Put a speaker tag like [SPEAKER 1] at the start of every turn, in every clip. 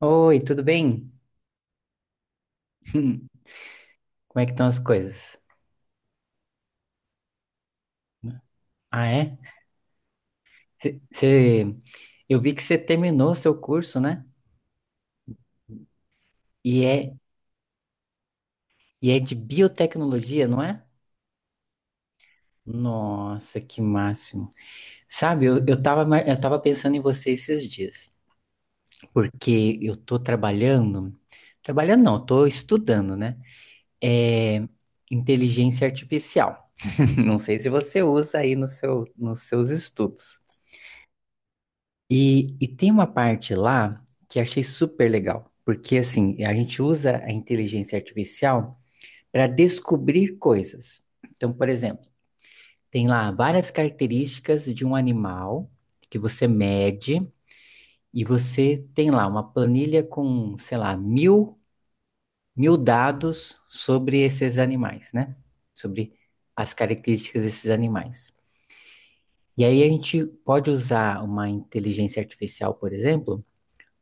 [SPEAKER 1] Oi, tudo bem? Como é que estão as coisas? Ah, é? Cê, cê- eu vi que você terminou seu curso, né? E é, e é de biotecnologia, não é? Nossa, que máximo. Sabe, eu tava, eu tava pensando em você esses dias, porque eu tô trabalhando, trabalhando não, eu tô estudando, né? É inteligência artificial. Não sei se você usa aí no seu, nos seus estudos. E tem uma parte lá que achei super legal, porque assim, a gente usa a inteligência artificial para descobrir coisas. Então, por exemplo, tem lá várias características de um animal que você mede e você tem lá uma planilha com, sei lá, mil dados sobre esses animais, né? Sobre as características desses animais. E aí a gente pode usar uma inteligência artificial, por exemplo,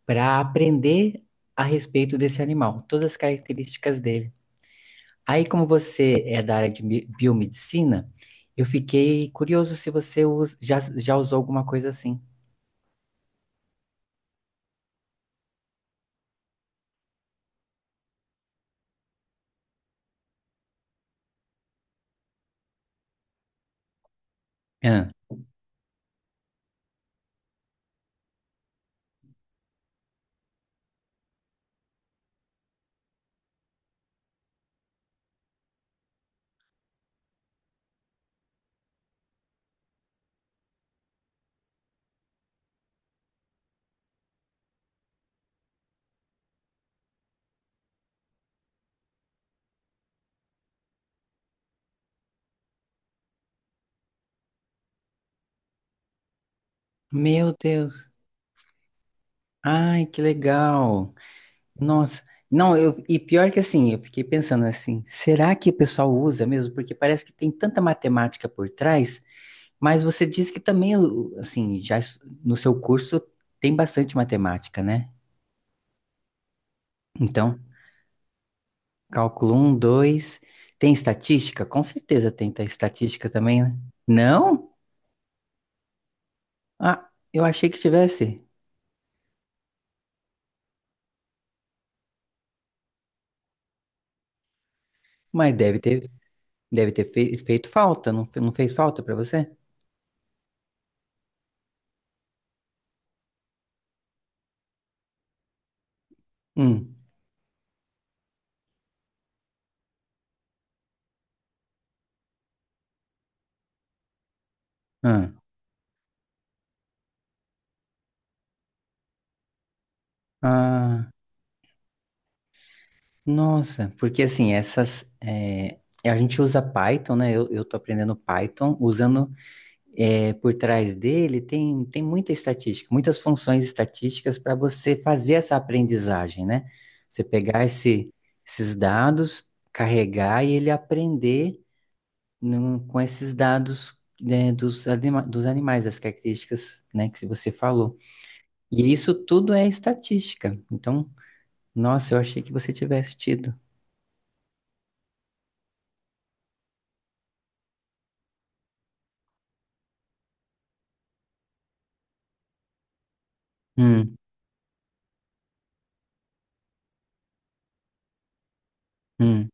[SPEAKER 1] para aprender a respeito desse animal, todas as características dele. Aí, como você é da área de biomedicina, eu fiquei curioso se você já usou alguma coisa assim. Ah. Meu Deus. Ai, que legal. Nossa. Não, eu, e pior que assim, eu fiquei pensando assim, será que o pessoal usa mesmo? Porque parece que tem tanta matemática por trás, mas você diz que também, assim, no seu curso tem bastante matemática, né? Então, Cálculo um, 2. Tem estatística? Com certeza tem estatística também, né? Não? Ah, eu achei que tivesse. Mas deve ter feito falta. Não, não fez falta pra você? Hum. Ah, ah, nossa. Porque assim, essas. É, a gente usa Python, né? Eu tô aprendendo Python usando é, por trás dele tem, tem muita estatística, muitas funções estatísticas para você fazer essa aprendizagem, né? Você pegar esses dados, carregar e ele aprender com esses dados, né, dos animais, das características, né, que você falou. E isso tudo é estatística. Então, nossa, eu achei que você tivesse tido. Hum, hum,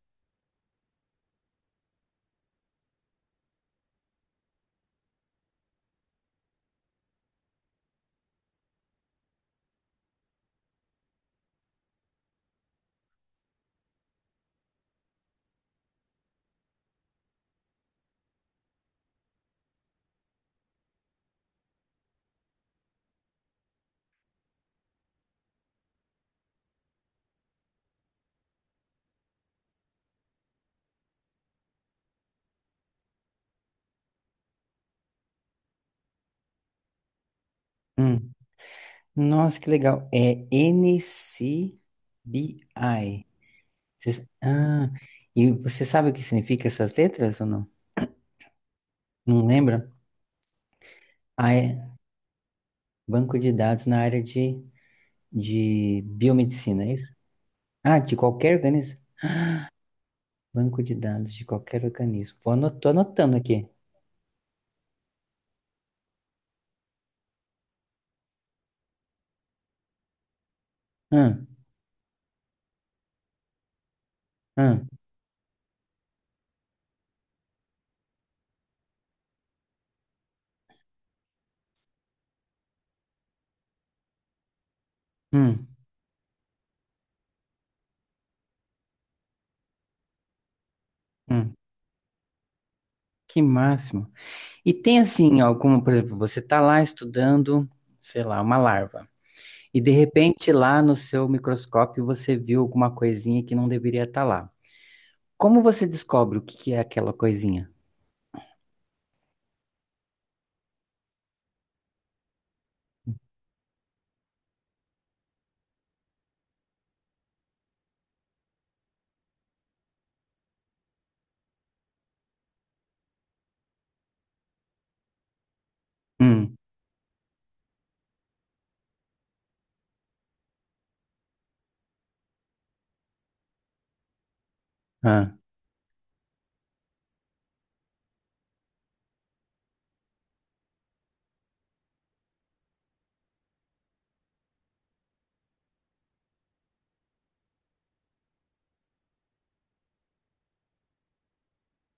[SPEAKER 1] hum. Nossa, que legal. É NCBI. Ah, e você sabe o que significa essas letras ou não? Não lembra? Ah, é banco de dados na área de biomedicina, é isso? Ah, de qualquer organismo? Banco de dados de qualquer organismo. Vou tô anotando aqui. Hum, hum, hum, hum. Que máximo. E tem assim, algum, por exemplo, você tá lá estudando, sei lá, uma larva. E de repente lá no seu microscópio você viu alguma coisinha que não deveria estar lá. Como você descobre o que que é aquela coisinha? Hum, ah,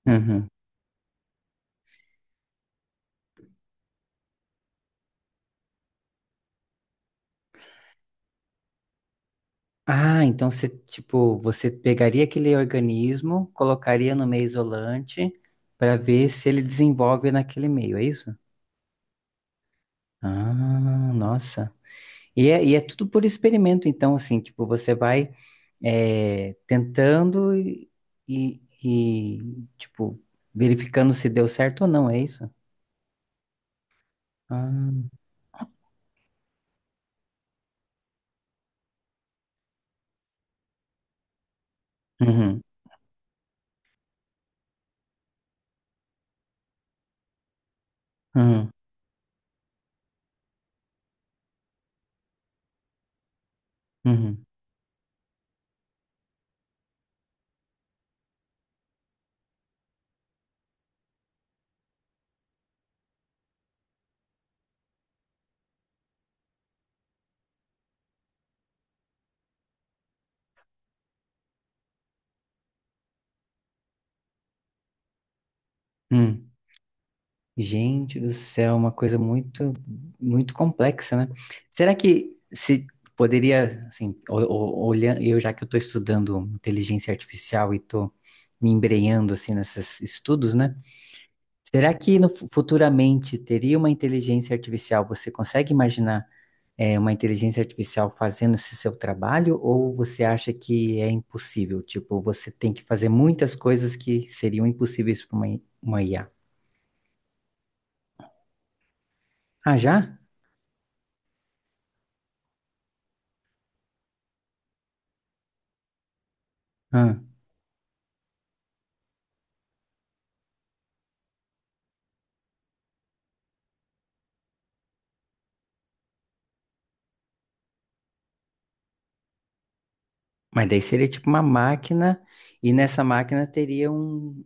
[SPEAKER 1] uhum. Ah, então você, tipo, você pegaria aquele organismo, colocaria no meio isolante para ver se ele desenvolve naquele meio, é isso? Ah, nossa. E é tudo por experimento, então, assim, tipo, você vai é, tentando e, tipo, verificando se deu certo ou não, é isso? Ah, uhum, uhum, uhum, uhum. Gente do céu, uma coisa muito complexa, né? Será que se poderia, assim, olhando, eu já que eu estou estudando inteligência artificial e estou me embrenhando assim nesses estudos, né? Será que no, futuramente teria uma inteligência artificial? Você consegue imaginar é, uma inteligência artificial fazendo esse seu trabalho ou você acha que é impossível? Tipo, você tem que fazer muitas coisas que seriam impossíveis para uma, uma IA. Ah, já? Mas daí seria tipo uma máquina, e nessa máquina teria um,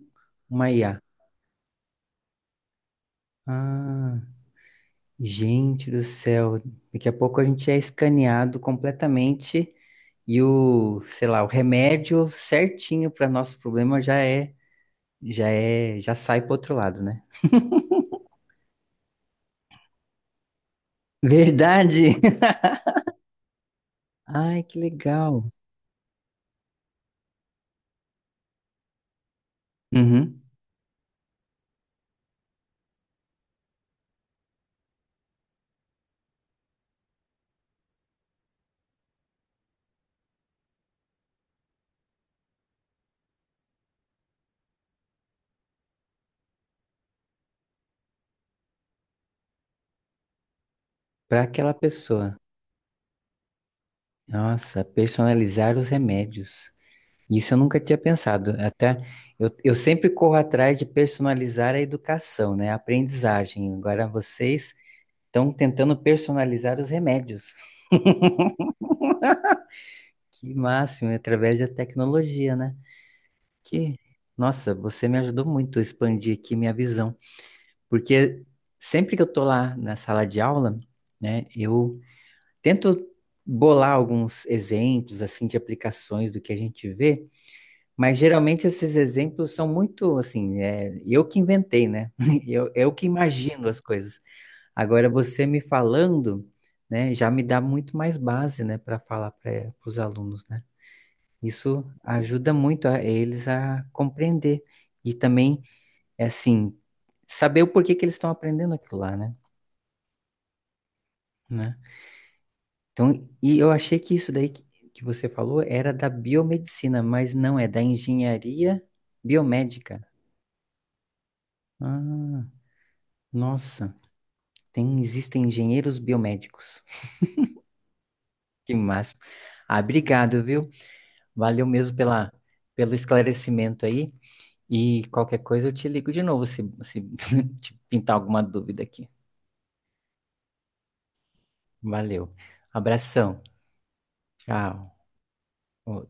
[SPEAKER 1] uma IA. Ah, gente do céu. Daqui a pouco a gente é escaneado completamente e o, sei lá, o remédio certinho para nosso problema já é, já sai pro outro lado, né? Verdade! Ai, que legal. Uhum. Para aquela pessoa. Nossa, personalizar os remédios. Isso eu nunca tinha pensado. Até eu sempre corro atrás de personalizar a educação, né? A aprendizagem. Agora vocês estão tentando personalizar os remédios. Que máximo, através da tecnologia, né? Que, nossa, você me ajudou muito a expandir aqui minha visão. Porque sempre que eu tô lá na sala de aula, né, eu tento bolar alguns exemplos assim de aplicações do que a gente vê. Mas geralmente esses exemplos são muito assim, é, eu que inventei, né? Eu que imagino as coisas. Agora você me falando, né, já me dá muito mais base, né, para falar para os alunos, né? Isso ajuda muito a eles a compreender e também, é assim, saber o porquê que eles estão aprendendo aquilo lá, né? Né? Então, e eu achei que isso daí que você falou era da biomedicina, mas não é da engenharia biomédica. Ah, nossa. Tem, existem engenheiros biomédicos. Que máximo. Ah, obrigado, viu? Valeu mesmo pela, pelo esclarecimento aí. E qualquer coisa eu te ligo de novo se, se te pintar alguma dúvida aqui. Valeu. Abração. Tchau. Ô,